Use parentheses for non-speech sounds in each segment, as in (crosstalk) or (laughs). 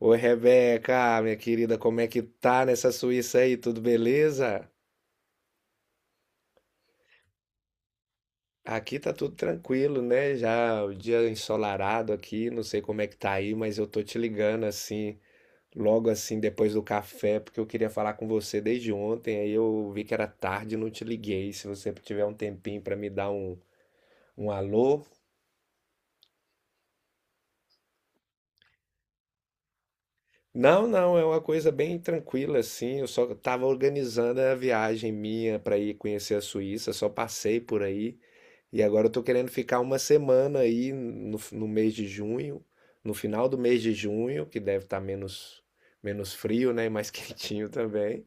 Oi, Rebeca, minha querida, como é que tá nessa Suíça aí? Tudo beleza? Aqui tá tudo tranquilo, né? Já o dia ensolarado aqui, não sei como é que tá aí, mas eu tô te ligando assim, logo assim depois do café, porque eu queria falar com você desde ontem, aí eu vi que era tarde e não te liguei. Se você tiver um tempinho pra me dar um, um alô. Não, não, é uma coisa bem tranquila assim. Eu só tava organizando a viagem minha pra ir conhecer a Suíça, só passei por aí. E agora eu tô querendo ficar uma semana aí no mês de junho, no final do mês de junho, que deve estar menos frio, né, e mais (laughs) quentinho também.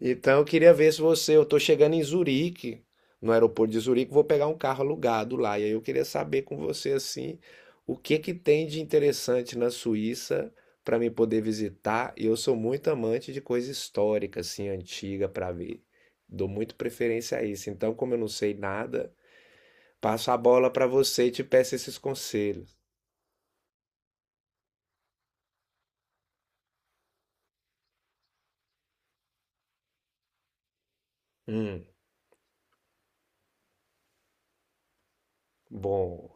Então eu queria ver se você, eu tô chegando em Zurique, no aeroporto de Zurique, vou pegar um carro alugado lá. E aí eu queria saber com você assim, o que que tem de interessante na Suíça para me poder visitar? E eu sou muito amante de coisa histórica assim, antiga para ver. Dou muito preferência a isso. Então, como eu não sei nada, passo a bola para você e te peço esses conselhos. Hum, bom.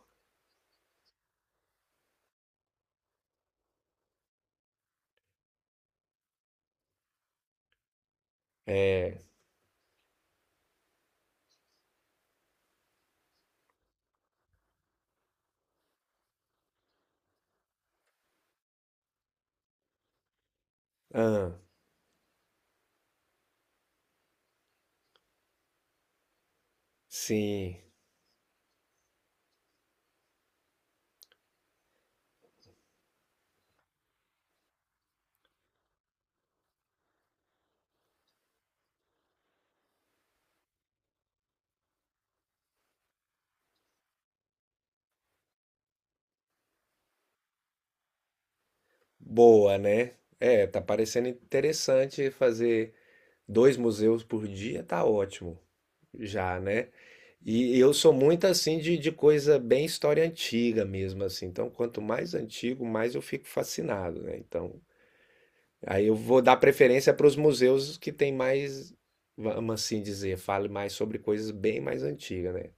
É, ah, sim. Boa, né? É, tá parecendo interessante fazer dois museus por dia, tá ótimo já, né? E eu sou muito assim de coisa bem história antiga mesmo, assim. Então, quanto mais antigo, mais eu fico fascinado, né? Então, aí eu vou dar preferência para os museus que tem mais, vamos assim dizer, fale mais sobre coisas bem mais antigas, né?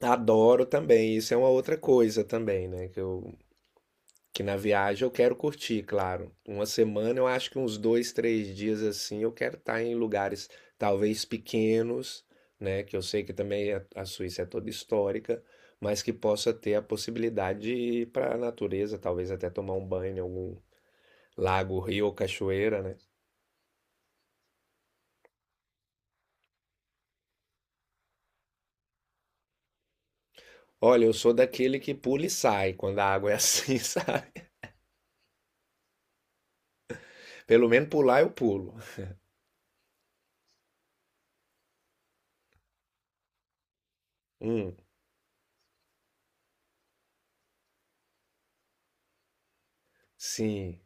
Adoro também, isso é uma outra coisa também, né? Que eu, que na viagem eu quero curtir, claro. Uma semana eu acho que uns dois, três dias assim eu quero estar em lugares talvez pequenos, né? Que eu sei que também a Suíça é toda histórica, mas que possa ter a possibilidade de ir para a natureza, talvez até tomar um banho em algum lago, rio ou cachoeira, né? Olha, eu sou daquele que pula e sai quando a água é assim, (laughs) sabe? Pelo menos pular eu pulo. Hum, sim.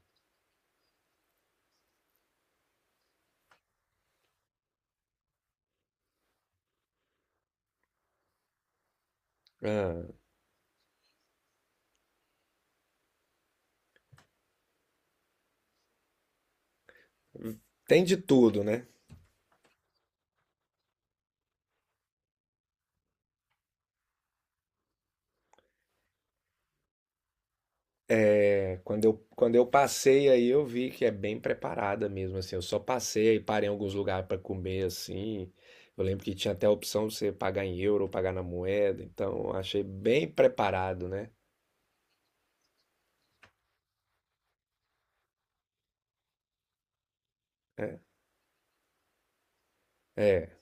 Ah. Tem de tudo, né? É, quando eu passei aí, eu vi que é bem preparada mesmo, assim. Eu só passei e parei em alguns lugares para comer, assim. Eu lembro que tinha até a opção de você pagar em euro ou pagar na moeda. Então, eu achei bem preparado, né? É.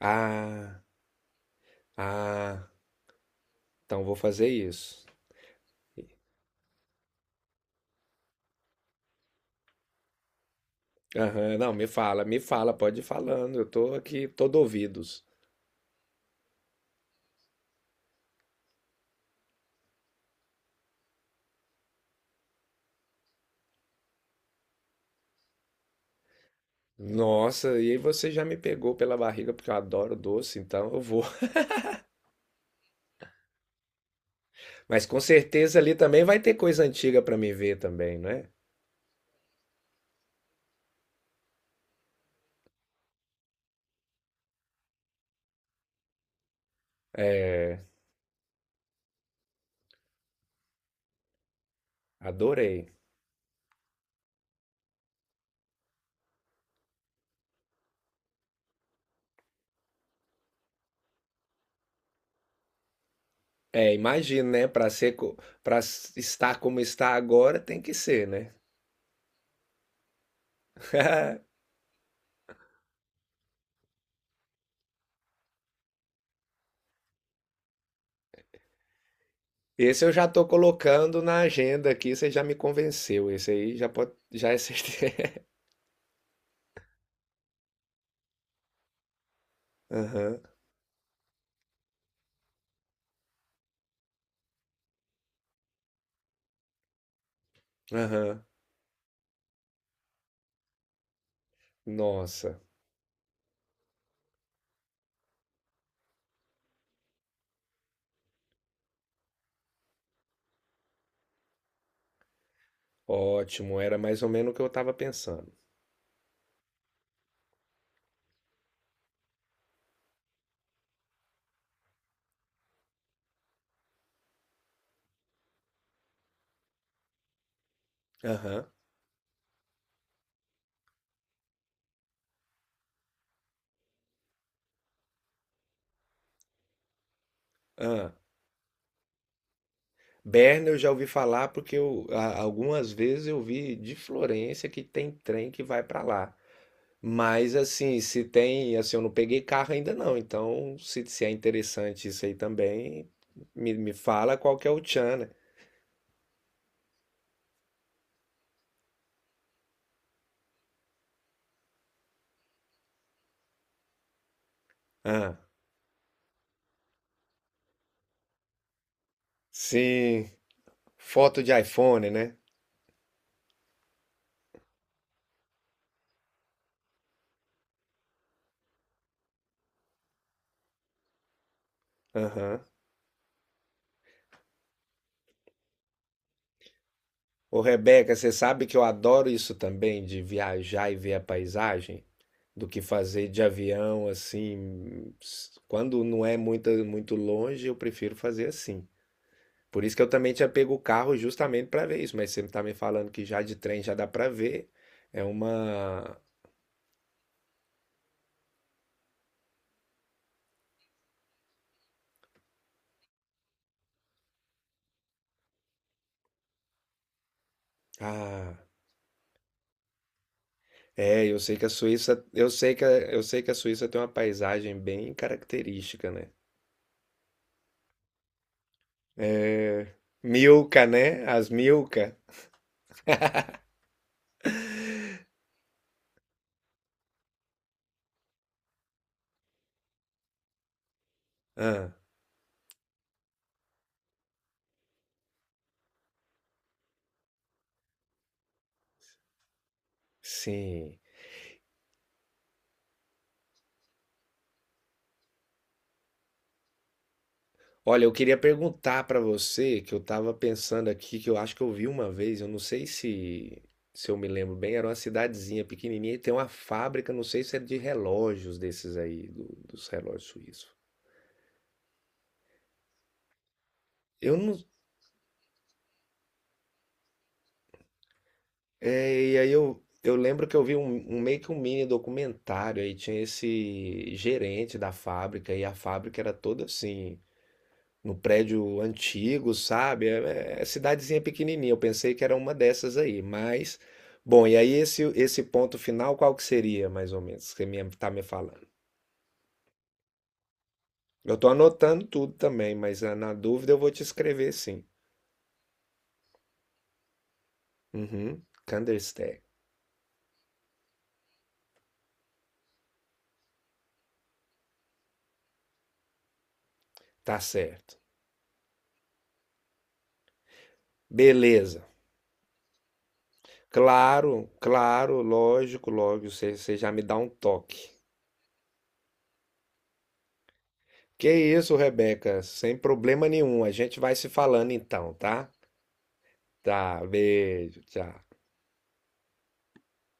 Ah, ah, então vou fazer isso. Aham, não, me fala, pode ir falando. Eu tô aqui todo ouvidos. Nossa, e aí você já me pegou pela barriga, porque eu adoro doce, então eu vou. Mas com certeza ali também vai ter coisa antiga para me ver também, né? É, adorei. É, imagino, né? Para ser, para estar como está agora, tem que ser, né? (laughs) Esse eu já tô colocando na agenda aqui, você já me convenceu. Esse aí já pode, já é certeza. (laughs) Aham, aham. Nossa, ótimo. Era mais ou menos o que eu estava pensando. Aham, aham. Berna eu já ouvi falar porque eu, a- algumas vezes eu vi de Florença que tem trem que vai para lá. Mas assim, se tem, assim, eu não peguei carro ainda não, então se é interessante isso aí também, me fala qual que é o tchan, né? Ah, sim, foto de iPhone, né? Aham. Ô Rebeca, você sabe que eu adoro isso também, de viajar e ver a paisagem, do que fazer de avião, assim, s- quando não é muito, muito longe, eu prefiro fazer assim. Por isso que eu também tinha pego o carro justamente para ver isso, mas você tá me falando que já de trem já dá para ver. É uma Ah, é, eu sei que a Suíça, eu sei que a, eu sei que a Suíça tem uma paisagem bem característica, né? Milka, né? As Milka. Ah, sim. Olha, eu queria perguntar pra você, que eu estava pensando aqui, que eu acho que eu vi uma vez, eu não sei se, se eu me lembro bem, era uma cidadezinha pequenininha e tem uma fábrica, não sei se é de relógios desses aí, do- dos relógios suíços. Eu não. É, e aí eu lembro que eu vi um, um meio que um mini documentário aí, tinha esse gerente da fábrica e a fábrica era toda assim. No prédio antigo, sabe? É, é é cidadezinha pequenininha. Eu pensei que era uma dessas aí, mas bom. E aí esse ponto final, qual que seria, mais ou menos, que me tá me falando? Eu tô anotando tudo também, mas ah, na dúvida eu vou te escrever sim. Uhum. Kandersteg, tá certo. Beleza. Claro, claro, lógico, lógico. Você já me dá um toque. Que isso, Rebeca? Sem problema nenhum. A gente vai se falando então, tá? Tá, beijo, tchau.